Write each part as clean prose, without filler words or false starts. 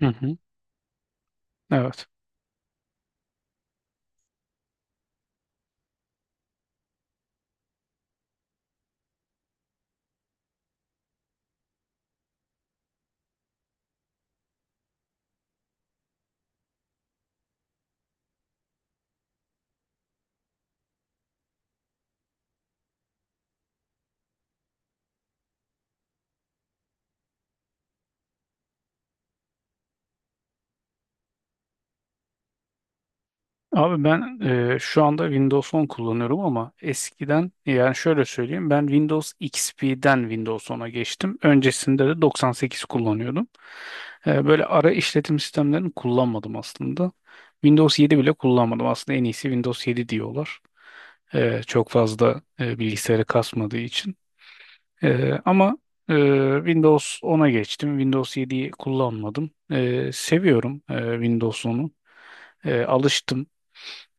Hı hı. Evet. Abi ben şu anda Windows 10 kullanıyorum ama eskiden yani şöyle söyleyeyim ben Windows XP'den Windows 10'a geçtim. Öncesinde de 98 kullanıyordum. Böyle ara işletim sistemlerini kullanmadım aslında. Windows 7 bile kullanmadım. Aslında en iyisi Windows 7 diyorlar. Çok fazla bilgisayarı kasmadığı için. Ama e, Windows 10'a geçtim. Windows 7'yi kullanmadım. Seviyorum Windows 10'u. Alıştım.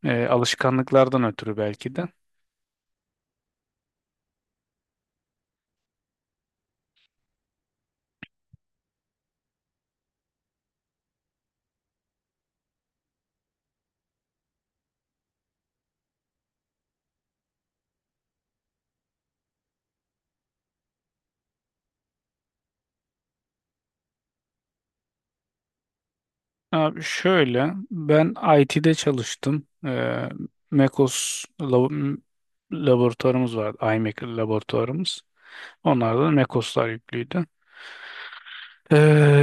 Alışkanlıklardan ötürü belki de. Abi şöyle ben IT'de çalıştım. MECOS laboratuvarımız vardı. iMaker laboratuvarımız. Onlarda da MECOS'lar yüklüydü. Ee,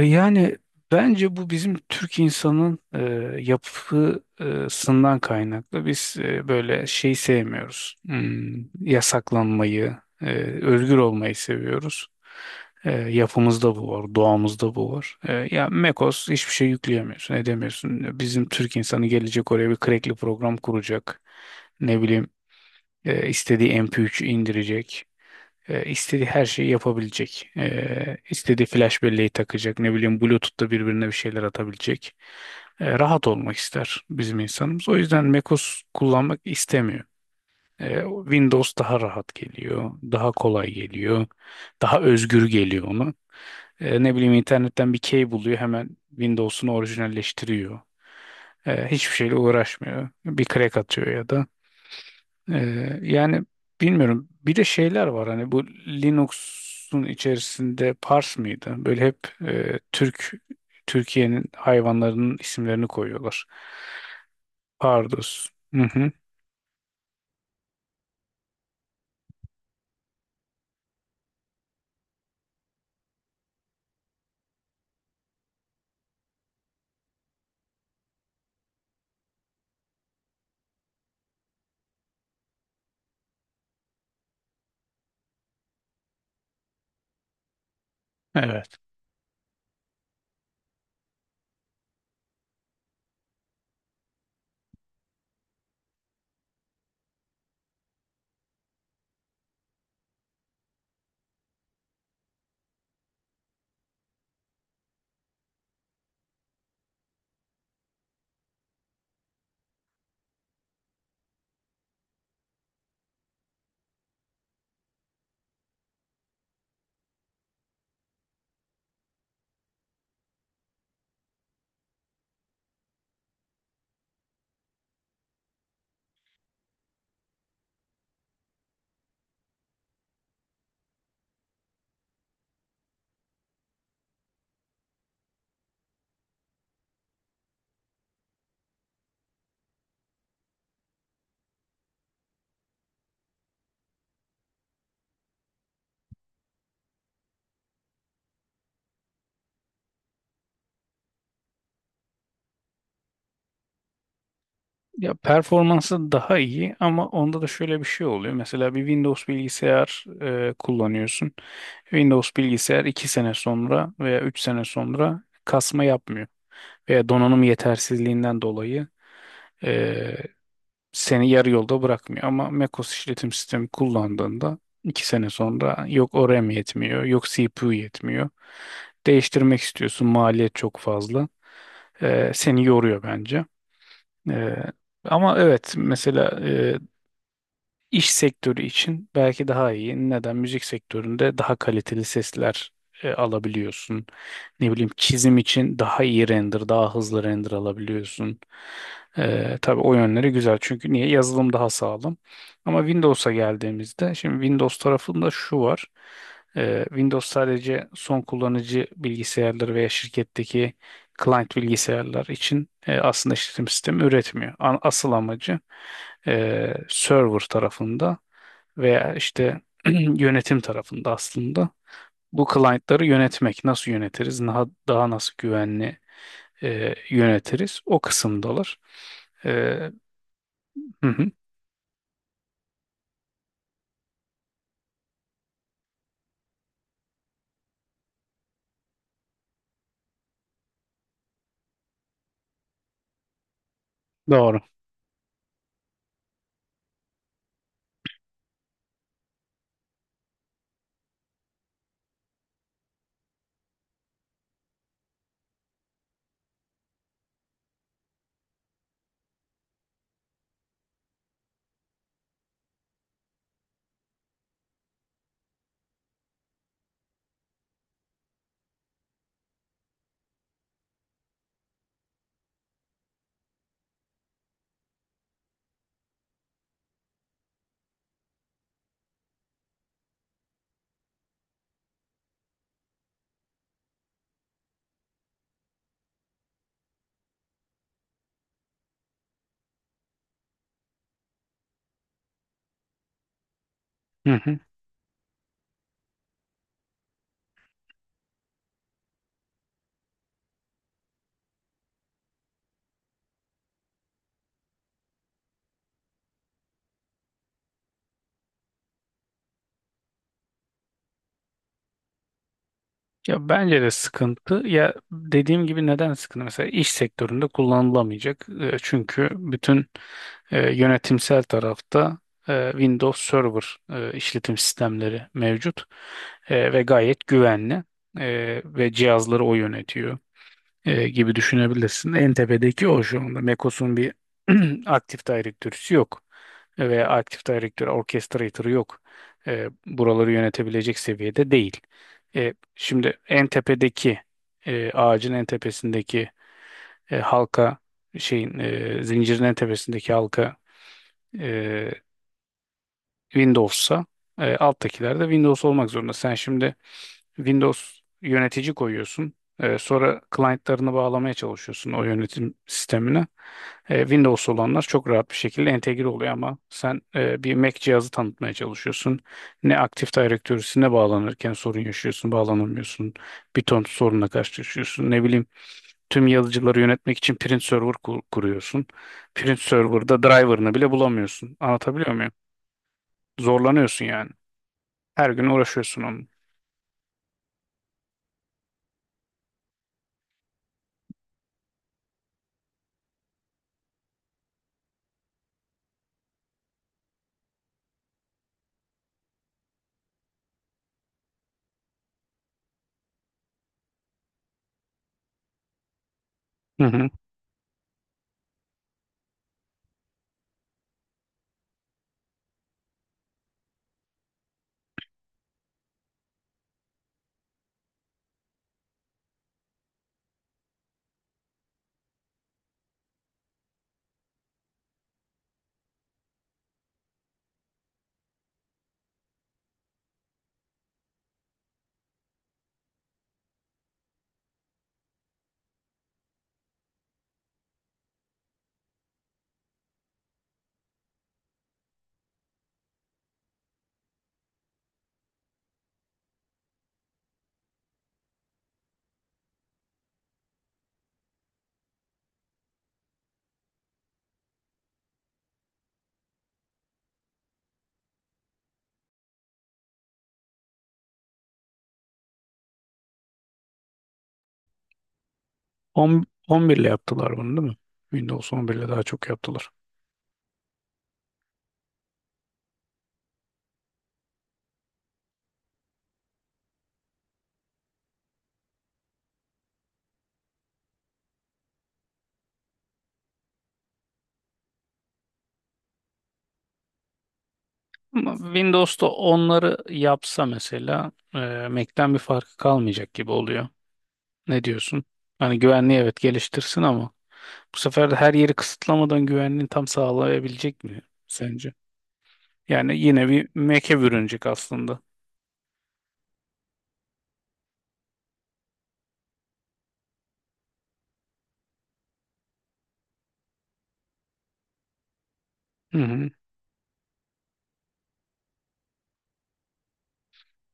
yani bence bu bizim Türk insanın yapısından kaynaklı. Biz böyle şey sevmiyoruz. Yasaklanmayı, özgür olmayı seviyoruz. Yapımızda bu var, doğamızda bu var. Ya Mekos hiçbir şey yükleyemiyorsun, edemiyorsun. Bizim Türk insanı gelecek oraya bir crackli program kuracak. Ne bileyim istediği MP3'ü indirecek. E, istediği her şeyi yapabilecek. E, istediği flash belleği takacak. Ne bileyim Bluetooth'ta birbirine bir şeyler atabilecek. Rahat olmak ister bizim insanımız. O yüzden macOS kullanmak istemiyor. Windows daha rahat geliyor. Daha kolay geliyor. Daha özgür geliyor ona. Ne bileyim internetten bir key buluyor. Hemen Windows'unu orijinalleştiriyor. Hiçbir şeyle uğraşmıyor. Bir crack atıyor ya da. Yani bilmiyorum. Bir de şeyler var hani bu Linux'un içerisinde Pars mıydı? Böyle hep Türkiye'nin hayvanlarının isimlerini koyuyorlar. Pardus. Hı hı. Evet. Ya performansı daha iyi ama onda da şöyle bir şey oluyor. Mesela bir Windows bilgisayar kullanıyorsun. Windows bilgisayar 2 sene sonra veya 3 sene sonra kasma yapmıyor. Veya donanım yetersizliğinden dolayı e, seni yarı yolda bırakmıyor ama macOS işletim sistemi kullandığında 2 sene sonra yok o RAM yetmiyor, yok CPU yetmiyor. Değiştirmek istiyorsun, maliyet çok fazla. Seni yoruyor bence. Ee, ama evet mesela İş sektörü için belki daha iyi. Neden? Müzik sektöründe daha kaliteli sesler alabiliyorsun. Ne bileyim çizim için daha iyi render, daha hızlı render alabiliyorsun. Tabii o yönleri güzel. Çünkü niye? Yazılım daha sağlam. Ama Windows'a geldiğimizde, şimdi Windows tarafında şu var. Windows sadece son kullanıcı bilgisayarları veya şirketteki client bilgisayarlar için aslında işletim sistemi üretmiyor. Asıl amacı server tarafında veya işte yönetim tarafında aslında bu client'ları yönetmek. Nasıl yönetiriz? Daha nasıl güvenli yönetiriz? O kısımdalar. E, hı hı, doğru. Hı hı. Ya bence de sıkıntı. Ya dediğim gibi neden sıkıntı? Mesela iş sektöründe kullanılamayacak. Çünkü bütün yönetimsel tarafta Windows Server işletim sistemleri mevcut. Ve gayet güvenli. Ve cihazları o yönetiyor gibi düşünebilirsin. En tepedeki o şu anda. Mekos'un bir aktif direktörüsü yok. Veya aktif direktör, orchestrator'ı yok. Buraları yönetebilecek seviyede değil. Şimdi en tepedeki ağacın en tepesindeki halka şeyin zincirin en tepesindeki halka e, Windows'sa alttakiler de Windows olmak zorunda. Sen şimdi Windows yönetici koyuyorsun. Sonra client'larını bağlamaya çalışıyorsun o yönetim sistemine. Windows olanlar çok rahat bir şekilde entegre oluyor ama sen bir Mac cihazı tanıtmaya çalışıyorsun. Ne Active Directory'sine bağlanırken sorun yaşıyorsun, bağlanamıyorsun. Bir ton sorunla karşılaşıyorsun. Ne bileyim tüm yazıcıları yönetmek için Print Server kuruyorsun. Print Server'da driver'ını bile bulamıyorsun. Anlatabiliyor muyum? Zorlanıyorsun yani. Her gün uğraşıyorsun onunla. Hı hı. 10, 11 ile yaptılar bunu değil mi? Windows 11 ile daha çok yaptılar. Ama Windows'ta onları yapsa mesela Mac'ten bir farkı kalmayacak gibi oluyor. Ne diyorsun? Hani güvenliği evet geliştirsin ama bu sefer de her yeri kısıtlamadan güvenliğini tam sağlayabilecek mi sence? Yani yine bir Mac'e bürünecek aslında. Hı hı.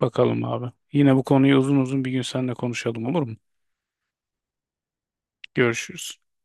Bakalım abi. Yine bu konuyu uzun uzun bir gün seninle konuşalım olur mu? Görüşürüz.